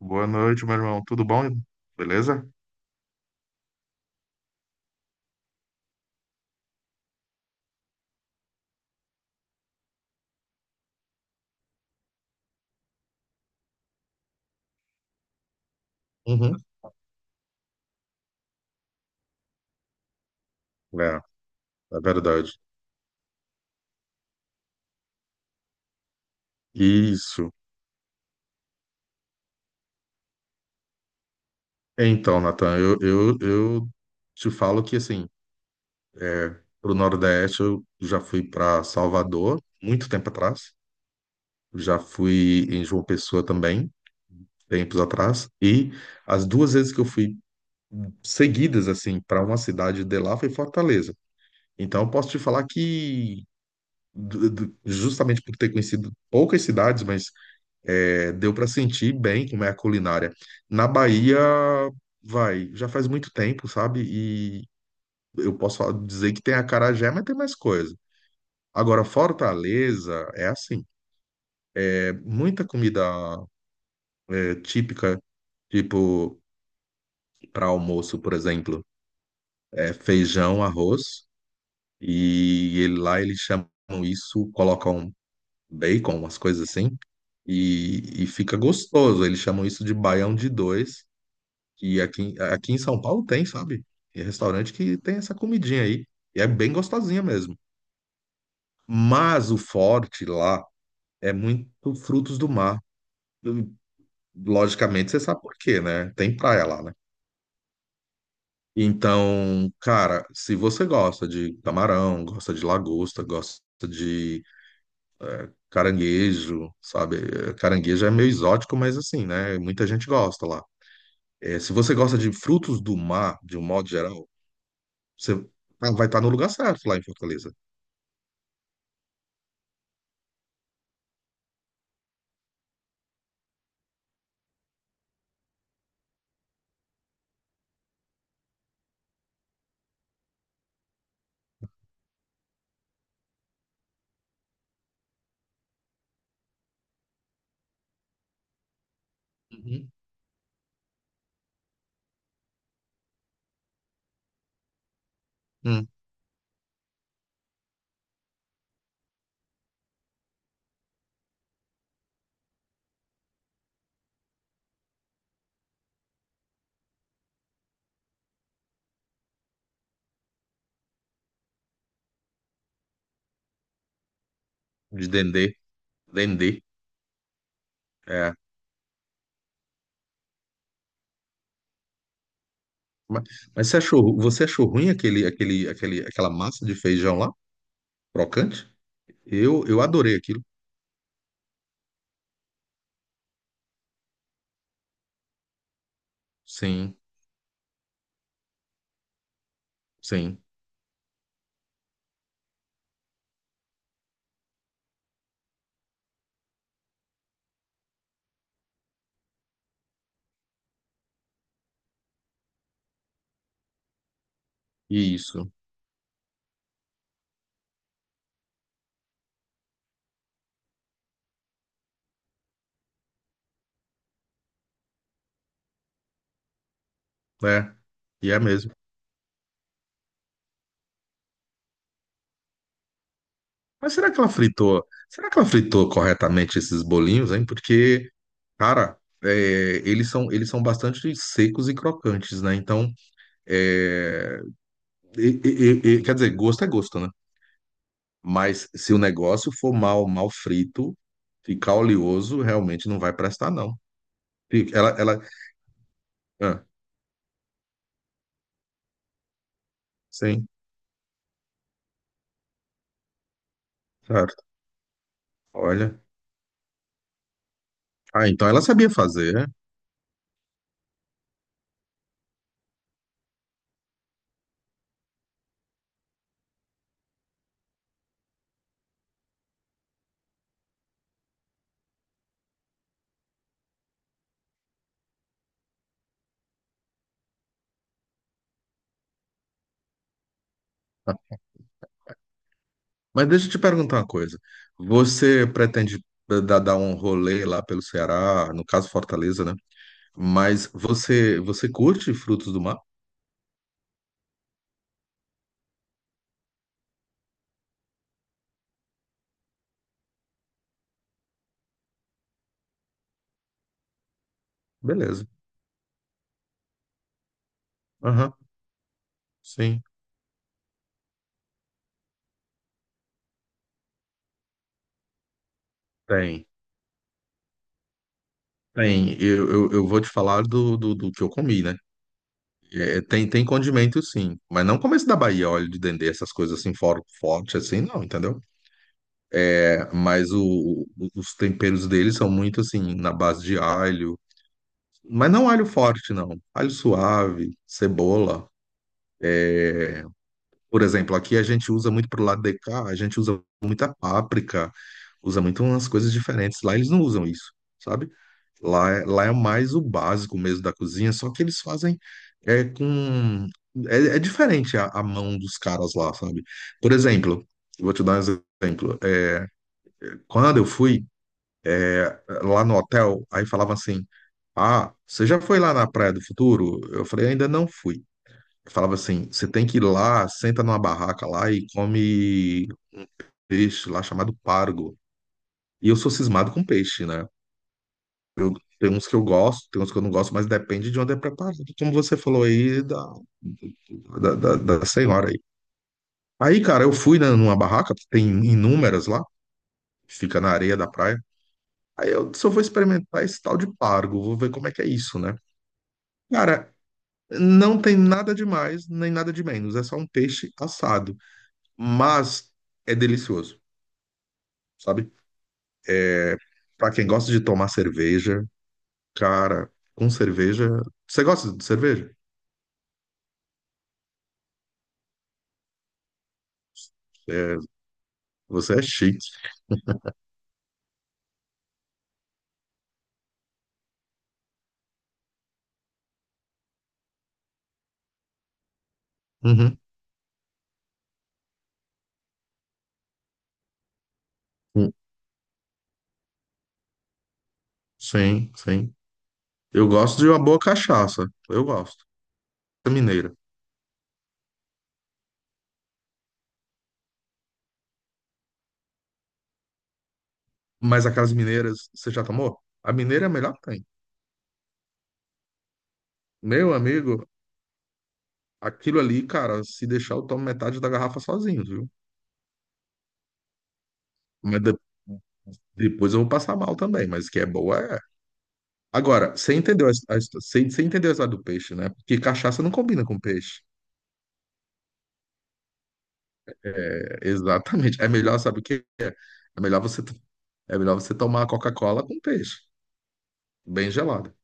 Boa noite, meu irmão. Tudo bom? Beleza? Uhum. É, é verdade. Isso. Então, Natan, eu te falo que, assim, pro Nordeste eu já fui para Salvador, muito tempo atrás. Já fui em João Pessoa também, tempos atrás. E as duas vezes que eu fui seguidas, assim, para uma cidade de lá foi Fortaleza. Então, eu posso te falar que, justamente por ter conhecido poucas cidades, mas é, deu para sentir bem como é a culinária. Na Bahia, vai, já faz muito tempo, sabe? E eu posso falar- dizer que tem acarajé, mas tem mais coisa. Agora, Fortaleza é assim, é muita comida é, típica, tipo para almoço, por exemplo, é feijão, arroz, e ele- lá eles chamam isso, colocam bacon, umas coisas assim, e fica gostoso. Eles chamam isso de baião de dois. Que aqui, aqui em São Paulo tem, sabe? É restaurante que tem essa comidinha aí. E é bem gostosinha mesmo. Mas o forte lá é muito frutos do mar. Logicamente, você sabe por quê, né? Tem praia lá, né? Então, cara, se você gosta de camarão, gosta de lagosta, gosta de caranguejo, sabe? Caranguejo é meio exótico, mas assim, né? Muita gente gosta lá. É, se você gosta de frutos do mar, de um modo geral, você tá- vai estar no lugar certo lá em Fortaleza. Uhum. Hum, de dendê. Dendê. É. Mas, mas você achou ruim aquele, aquele, aquele, aquela massa de feijão lá? Crocante? Eu adorei aquilo. Sim, sim. Isso. É. E é mesmo. Mas será que ela fritou? Será que ela fritou corretamente esses bolinhos, hein? Porque, cara, é, eles são bastante secos e crocantes, né? Então, é, quer dizer, gosto é gosto, né? Mas se o negócio for mal, mal frito, ficar oleoso, realmente não vai prestar, não. Fica- ah, sim, certo. Olha. Ah, então ela sabia fazer, né? Mas deixa eu te perguntar uma coisa. Você pretende dar, dar um rolê lá pelo Ceará, no caso Fortaleza, né? Mas você, você curte frutos do mar? Beleza. Aham, sim. Tem. Tem. Eu vou te falar do, do, do que eu comi, né? É, tem, tem condimento sim, mas não como esse da Bahia, óleo de dendê, essas coisas assim, fora, forte assim, não, entendeu? É, mas o- os temperos deles são muito assim, na base de alho, mas não alho forte, não. Alho suave, cebola. Por exemplo, aqui a gente usa muito pro lado de cá, a gente usa muita páprica, usa muito umas coisas diferentes. Lá eles não usam isso, sabe? Lá é mais o básico mesmo da cozinha, só que eles fazem é, com. É, é diferente a mão dos caras lá, sabe? Por exemplo, eu vou te dar um exemplo. É, quando eu fui é, lá no hotel, aí falava assim: Ah, você já foi lá na Praia do Futuro? Eu falei: Ainda não fui. Falava assim: Você tem que ir lá, senta numa barraca lá e come peixe lá chamado pargo. E eu sou cismado com peixe, né? Eu, tem uns que eu gosto, tem uns que eu não gosto, mas depende de onde é preparado, como você falou aí da, da senhora aí. Aí, cara, eu fui, né, numa barraca, tem inúmeras lá, fica na areia da praia. Aí eu só vou experimentar esse tal de pargo, vou ver como é que é isso, né? Cara, não tem nada de mais, nem nada de menos, é só um peixe assado, mas é delicioso, sabe? Pra quem gosta de tomar cerveja, cara, com cerveja. Você gosta de cerveja? É, você é chique. Uhum. Sim, sim. Eu gosto de uma boa cachaça. Eu gosto. Da Mineira. Mas aquelas mineiras, você já tomou? A mineira é a melhor que tem. Meu amigo, aquilo ali, cara, se deixar eu tomo metade da garrafa sozinho, viu? Mas depois eu vou passar mal também, mas que é boa é. Agora, você entendeu a, você, você entendeu a história do peixe, né? Porque cachaça não combina com peixe. É, exatamente. É melhor, sabe o que é? É melhor você, é melhor você tomar a Coca-Cola com peixe, bem gelada.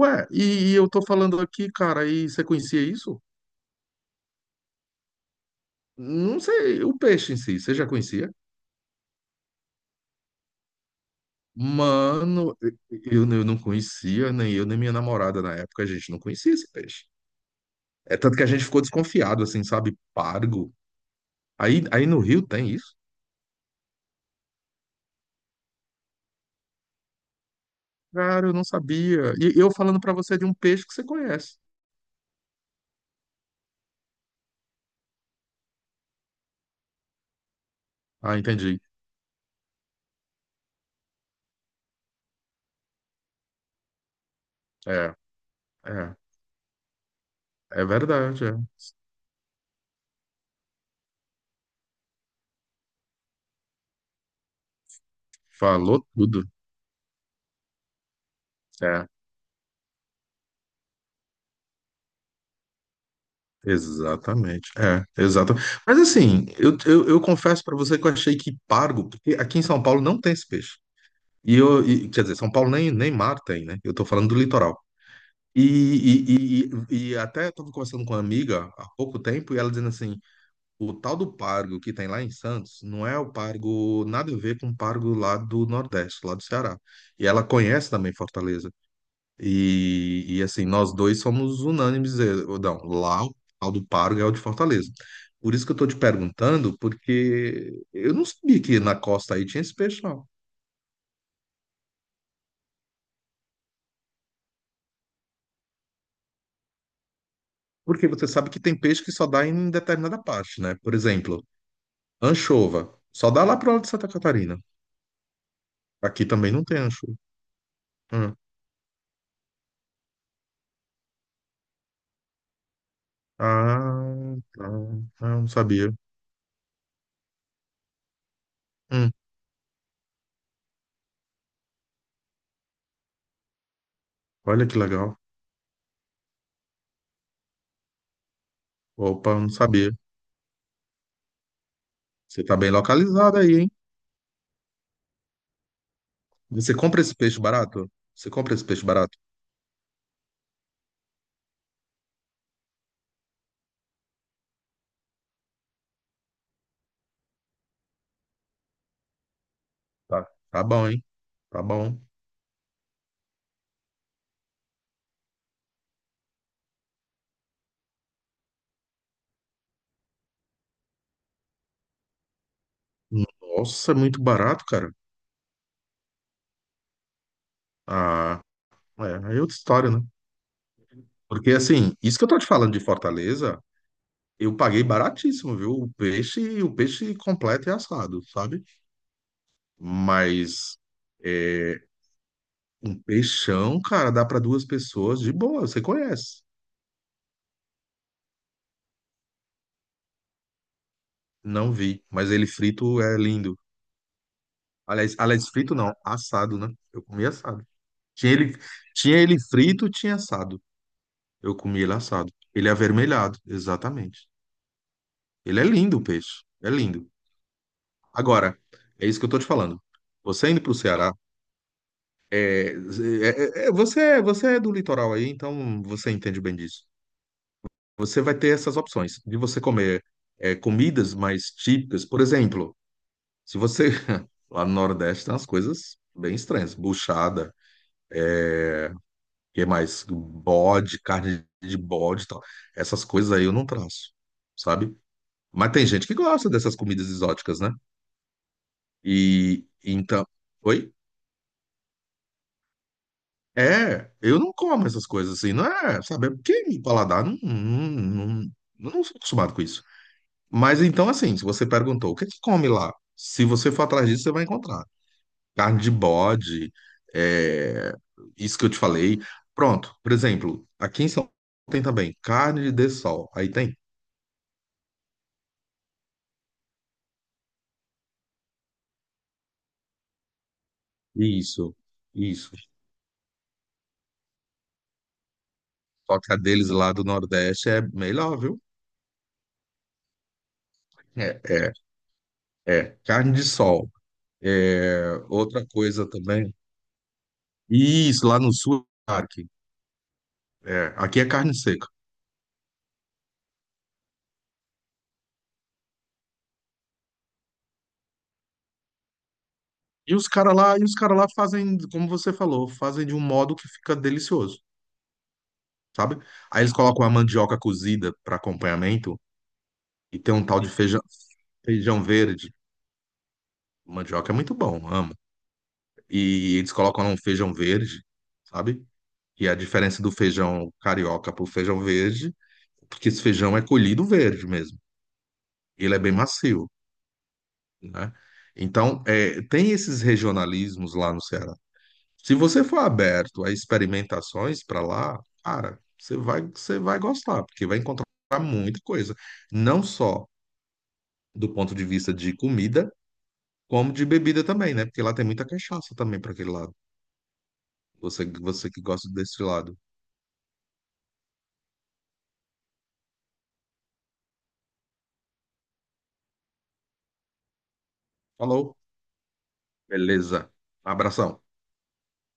Ué, e eu tô falando aqui, cara, e você conhecia isso? Não sei, o peixe em si, você já conhecia? Mano, eu não conhecia, nem eu, nem minha namorada na época, a gente não conhecia esse peixe. É tanto que a gente ficou desconfiado, assim, sabe? Pargo. Aí no Rio tem isso? Cara, eu não sabia. E eu falando pra você de um peixe que você conhece. Ah, entendi. É, é, é verdade, é. Falou tudo. É. Exatamente, é, exato. Mas assim, eu confesso para você que eu achei que pargo, porque aqui em São Paulo não tem esse peixe. E eu, e- quer dizer, São Paulo nem, nem mar tem, né? Eu tô falando do litoral. E, e até estava conversando com uma amiga há pouco tempo e ela dizendo assim: o tal do pargo que tem lá em Santos não é o pargo, nada a ver com o pargo lá do Nordeste, lá do Ceará. E ela conhece também Fortaleza. E, assim, nós dois somos unânimes, não, lá o tal do Paro ganhou de Fortaleza. Por isso que eu estou te perguntando, porque eu não sabia que na costa aí tinha esse peixe, não. Porque você sabe que tem peixe que só dá em determinada parte, né? Por exemplo, anchova, só dá lá pro lado de Santa Catarina. Aqui também não tem anchova. Hum. Ah, tá. Ah, não sabia. Hum, olha que legal. Opa, não sabia. Você tá bem localizado aí, hein? Você compra esse peixe barato? Você compra esse peixe barato? Tá, tá bom, hein? Tá bom. Nossa, é muito barato, cara. Ah, é, aí é outra história, né? Porque assim, isso que eu tô te falando de Fortaleza, eu paguei baratíssimo, viu? O peixe completo e assado, sabe? Mas é, um peixão, cara, dá pra duas pessoas de boa, você conhece. Não vi, mas ele frito é lindo. Aliás, aliás, frito não, assado, né? Eu comi assado. Tinha ele, tinha ele frito, tinha assado. Eu comi ele assado. Ele é avermelhado, exatamente. Ele é lindo, o peixe. É lindo. Agora, é isso que eu tô te falando. Você indo pro Ceará, você, você é do litoral aí, então você entende bem disso. Você vai ter essas opções de você comer é, comidas mais típicas. Por exemplo, se você. Lá no Nordeste tem umas coisas bem estranhas. Buchada, o que é mais? Bode, carne de bode e tal. Essas coisas aí eu não traço, sabe? Mas tem gente que gosta dessas comidas exóticas, né? E então. Oi? É, eu não como essas coisas assim, não é, sabe? É porque meu paladar não, não, não, não sou acostumado com isso. Mas então, assim, se você perguntou o que é que come lá, se você for atrás disso, você vai encontrar. Carne de bode, é, isso que eu te falei. Pronto, por exemplo, aqui em São Paulo tem também carne de sol. Aí tem? Isso, isso. Só que a deles lá do Nordeste é melhor, viu? É, é É, carne de sol. É, outra coisa também. Isso, lá no sul, aqui. É, aqui é carne seca. E os caras lá, e os cara lá fazem, como você falou, fazem de um modo que fica delicioso, sabe? Aí eles colocam a mandioca cozida para acompanhamento e tem um tal de feijão, feijão verde. Mandioca é muito bom, amo. E eles colocam lá um feijão verde, sabe? E a diferença do feijão carioca pro feijão verde, porque esse feijão é colhido verde mesmo. Ele é bem macio. Né? Então, é, tem esses regionalismos lá no Ceará. Se você for aberto a experimentações para lá, cara, você vai gostar, porque vai encontrar muita coisa, não só do ponto de vista de comida, como de bebida também, né? Porque lá tem muita cachaça também para aquele lado. Você, você que gosta desse lado. Falou? Beleza. Abração.